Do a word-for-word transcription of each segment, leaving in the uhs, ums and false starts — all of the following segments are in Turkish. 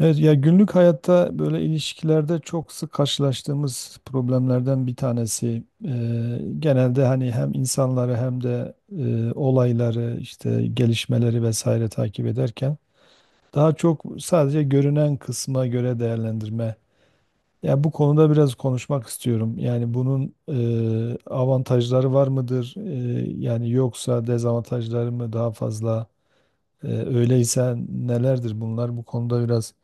Evet, ya günlük hayatta böyle ilişkilerde çok sık karşılaştığımız problemlerden bir tanesi. Eee, genelde hani hem insanları hem de eee, olayları işte gelişmeleri vesaire takip ederken daha çok sadece görünen kısma göre değerlendirme. Ya bu konuda biraz konuşmak istiyorum. Yani bunun eee, avantajları var mıdır? Eee, yani yoksa dezavantajları mı daha fazla? Eee, öyleyse nelerdir bunlar? Bu konuda biraz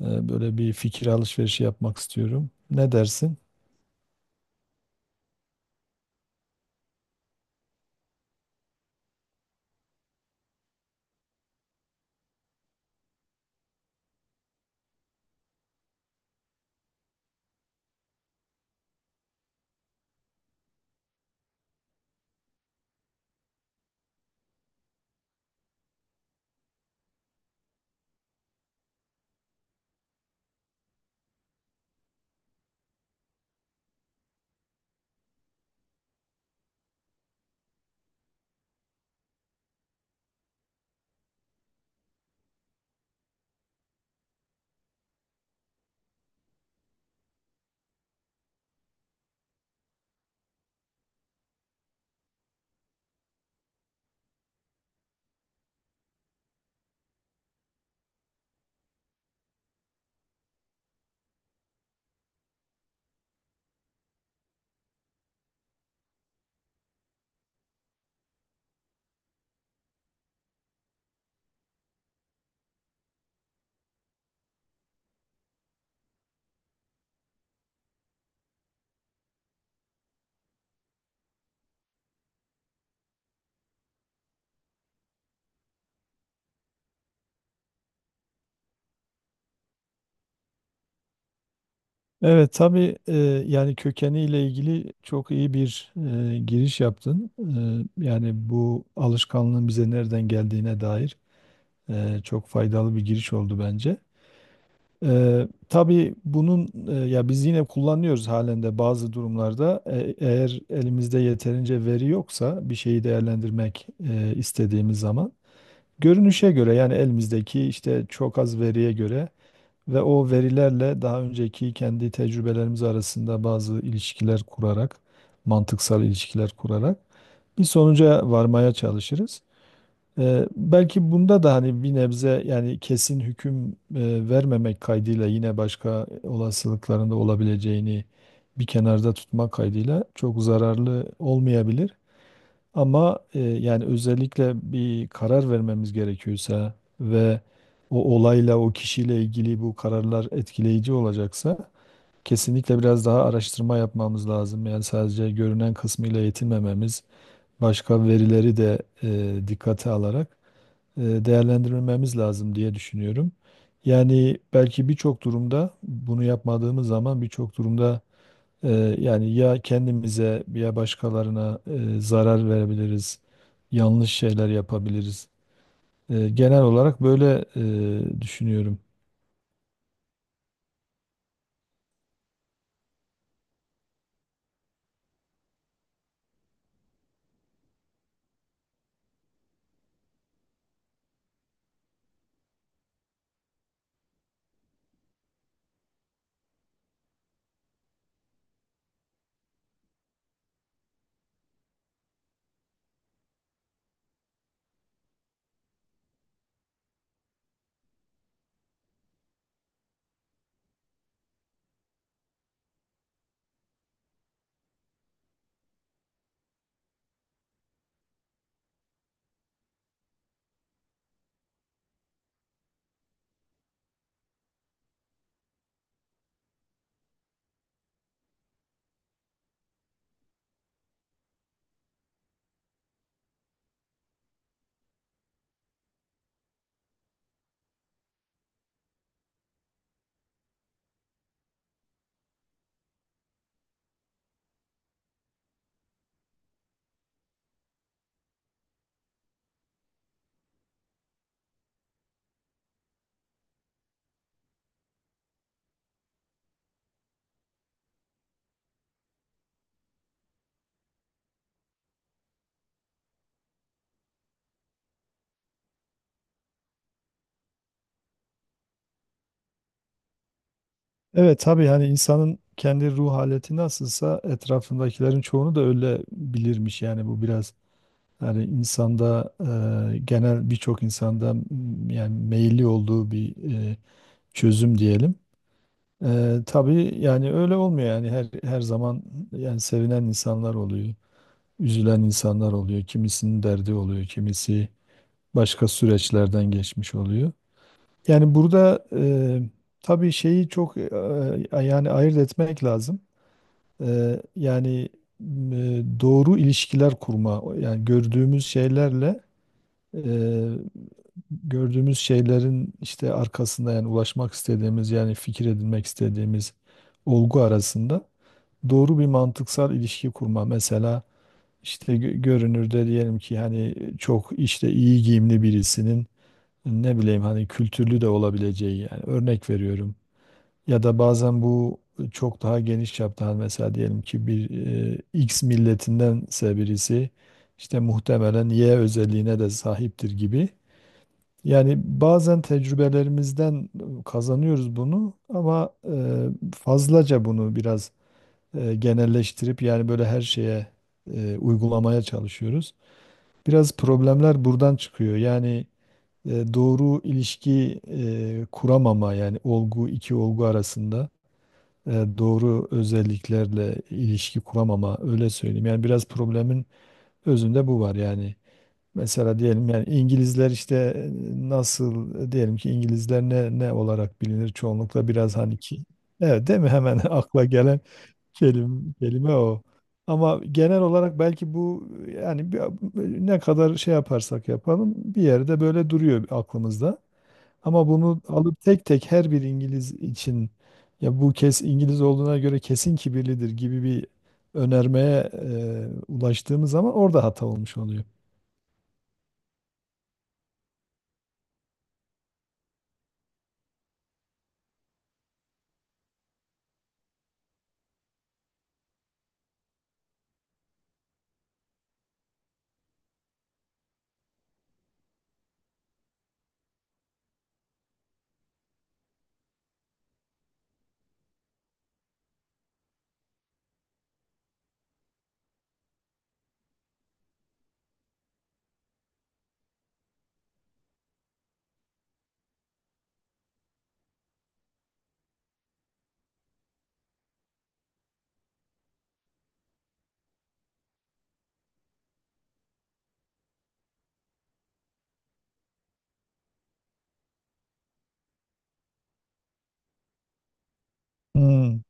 e, Böyle bir fikir alışverişi yapmak istiyorum. Ne dersin? Evet, tabii, e, yani kökeniyle ilgili çok iyi bir e, giriş yaptın. E, yani bu alışkanlığın bize nereden geldiğine dair e, çok faydalı bir giriş oldu bence. E, tabii bunun e, ya biz yine kullanıyoruz halen de bazı durumlarda. E, eğer elimizde yeterince veri yoksa bir şeyi değerlendirmek e, istediğimiz zaman görünüşe göre, yani elimizdeki işte çok az veriye göre ve o verilerle daha önceki kendi tecrübelerimiz arasında bazı ilişkiler kurarak, mantıksal ilişkiler kurarak bir sonuca varmaya çalışırız. Ee, belki bunda da hani bir nebze, yani kesin hüküm e, vermemek kaydıyla, yine başka olasılıklarında olabileceğini bir kenarda tutmak kaydıyla, çok zararlı olmayabilir. Ama e, yani özellikle bir karar vermemiz gerekiyorsa ve o olayla, o kişiyle ilgili bu kararlar etkileyici olacaksa, kesinlikle biraz daha araştırma yapmamız lazım. Yani sadece görünen kısmıyla yetinmememiz, başka verileri de e, dikkate alarak e, değerlendirmemiz lazım diye düşünüyorum. Yani belki birçok durumda bunu yapmadığımız zaman, birçok durumda Eee, yani ya kendimize ya başkalarına eee, zarar verebiliriz, yanlış şeyler yapabiliriz. Eee, genel olarak böyle eee, düşünüyorum. Evet, tabii, hani insanın kendi ruh haleti nasılsa etrafındakilerin çoğunu da öyle bilirmiş. Yani bu biraz hani insanda eee, genel, birçok insanda mm, yani meyilli olduğu bir eee, çözüm diyelim. Eee tabii yani öyle olmuyor. Yani her her zaman yani sevinen insanlar oluyor, üzülen insanlar oluyor. Kimisinin derdi oluyor, kimisi başka süreçlerden geçmiş oluyor. Yani burada e, tabii şeyi çok e, yani ayırt etmek lazım. E, yani e, doğru ilişkiler kurma, yani gördüğümüz şeylerle, e, gördüğümüz şeylerin işte arkasında, yani ulaşmak istediğimiz, yani fikir edinmek istediğimiz olgu arasında doğru bir mantıksal ilişki kurma. Mesela işte gö- görünürde, diyelim ki hani çok işte iyi giyimli birisinin ne bileyim hani kültürlü de olabileceği, yani örnek veriyorum. Ya da bazen bu çok daha geniş çapta, hani mesela diyelim ki bir e, X milletindense birisi işte muhtemelen Y özelliğine de sahiptir gibi. Yani bazen tecrübelerimizden kazanıyoruz bunu, ama e, fazlaca bunu biraz e, genelleştirip, yani böyle her şeye e, uygulamaya çalışıyoruz. Biraz problemler buradan çıkıyor. Yani e, doğru ilişki e, kuramama, yani olgu iki olgu arasında e, doğru özelliklerle ilişki kuramama, öyle söyleyeyim. Yani biraz problemin özünde bu var yani. Mesela diyelim yani İngilizler işte e, nasıl e, diyelim ki İngilizler ne ne olarak bilinir çoğunlukla, biraz hani ki evet, değil mi? Hemen akla gelen kelime, kelime o. Ama genel olarak belki bu, yani bir- ne kadar şey yaparsak yapalım bir yerde böyle duruyor aklımızda. Ama bunu alıp tek tek her bir İngiliz için, ya bu kes İngiliz olduğuna göre kesin kibirlidir gibi bir önermeye e, ulaştığımız zaman orada hata olmuş oluyor. Hmm.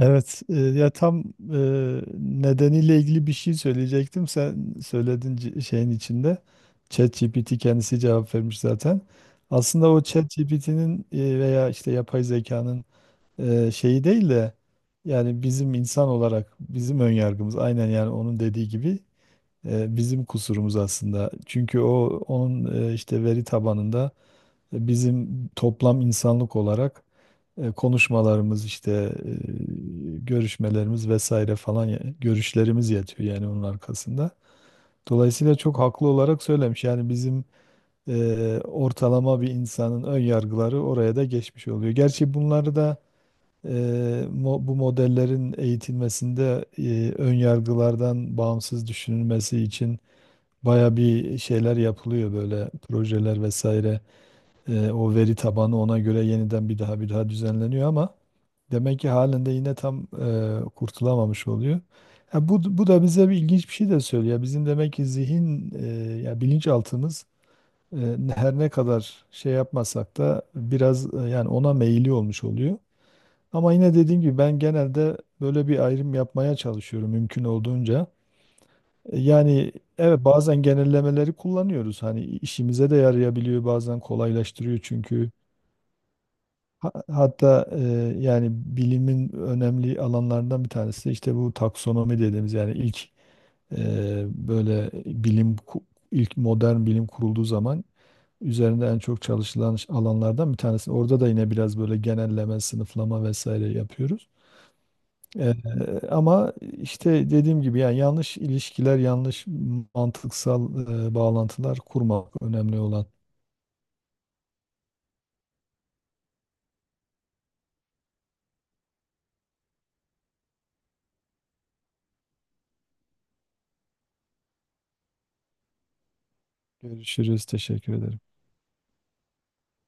Evet, e, ya tam e, nedeniyle ilgili bir şey söyleyecektim. Sen söyledin c- şeyin içinde. ChatGPT kendisi cevap vermiş zaten. Aslında o ChatGPT'nin e, veya işte yapay zekanın e, şeyi değil de yani bizim, insan olarak bizim önyargımız, aynen yani onun dediği gibi e, bizim kusurumuz aslında. Çünkü o, onun e, işte veri tabanında bizim toplam insanlık olarak e, konuşmalarımız işte e, görüşmelerimiz vesaire falan, ya- görüşlerimiz yatıyor yani onun arkasında. Dolayısıyla çok haklı olarak söylemiş. Yani bizim e, ortalama bir insanın ön yargıları oraya da geçmiş oluyor. Gerçi bunları da e, mo- bu modellerin eğitilmesinde e, ön yargılardan bağımsız düşünülmesi için baya bir şeyler yapılıyor, böyle projeler vesaire. E, o veri tabanı ona göre yeniden bir daha bir daha düzenleniyor, ama demek ki halen de yine tam e, kurtulamamış oluyor. Ya bu, bu da bize bir ilginç bir şey de söylüyor. Bizim demek ki zihin e, ya bilinçaltımız e, ne- her ne kadar şey yapmasak da biraz e, yani ona meyilli olmuş oluyor. Ama yine dediğim gibi ben genelde böyle bir ayrım yapmaya çalışıyorum mümkün olduğunca. E, Yani evet, bazen genellemeleri kullanıyoruz. Hani işimize de yarayabiliyor, bazen kolaylaştırıyor çünkü. Ha- Hatta e, yani bilimin önemli alanlarından bir tanesi de işte bu taksonomi dediğimiz, yani ilk e, böyle bilim ku- ilk modern bilim kurulduğu zaman üzerinde en çok çalışılan ş- alanlardan bir tanesi. Orada da yine biraz böyle genelleme, sınıflama vesaire yapıyoruz. E, Ama işte dediğim gibi yani yanlış ilişkiler, yanlış mantıksal e, bağlantılar kurmak önemli olan. Görüşürüz. Teşekkür ederim.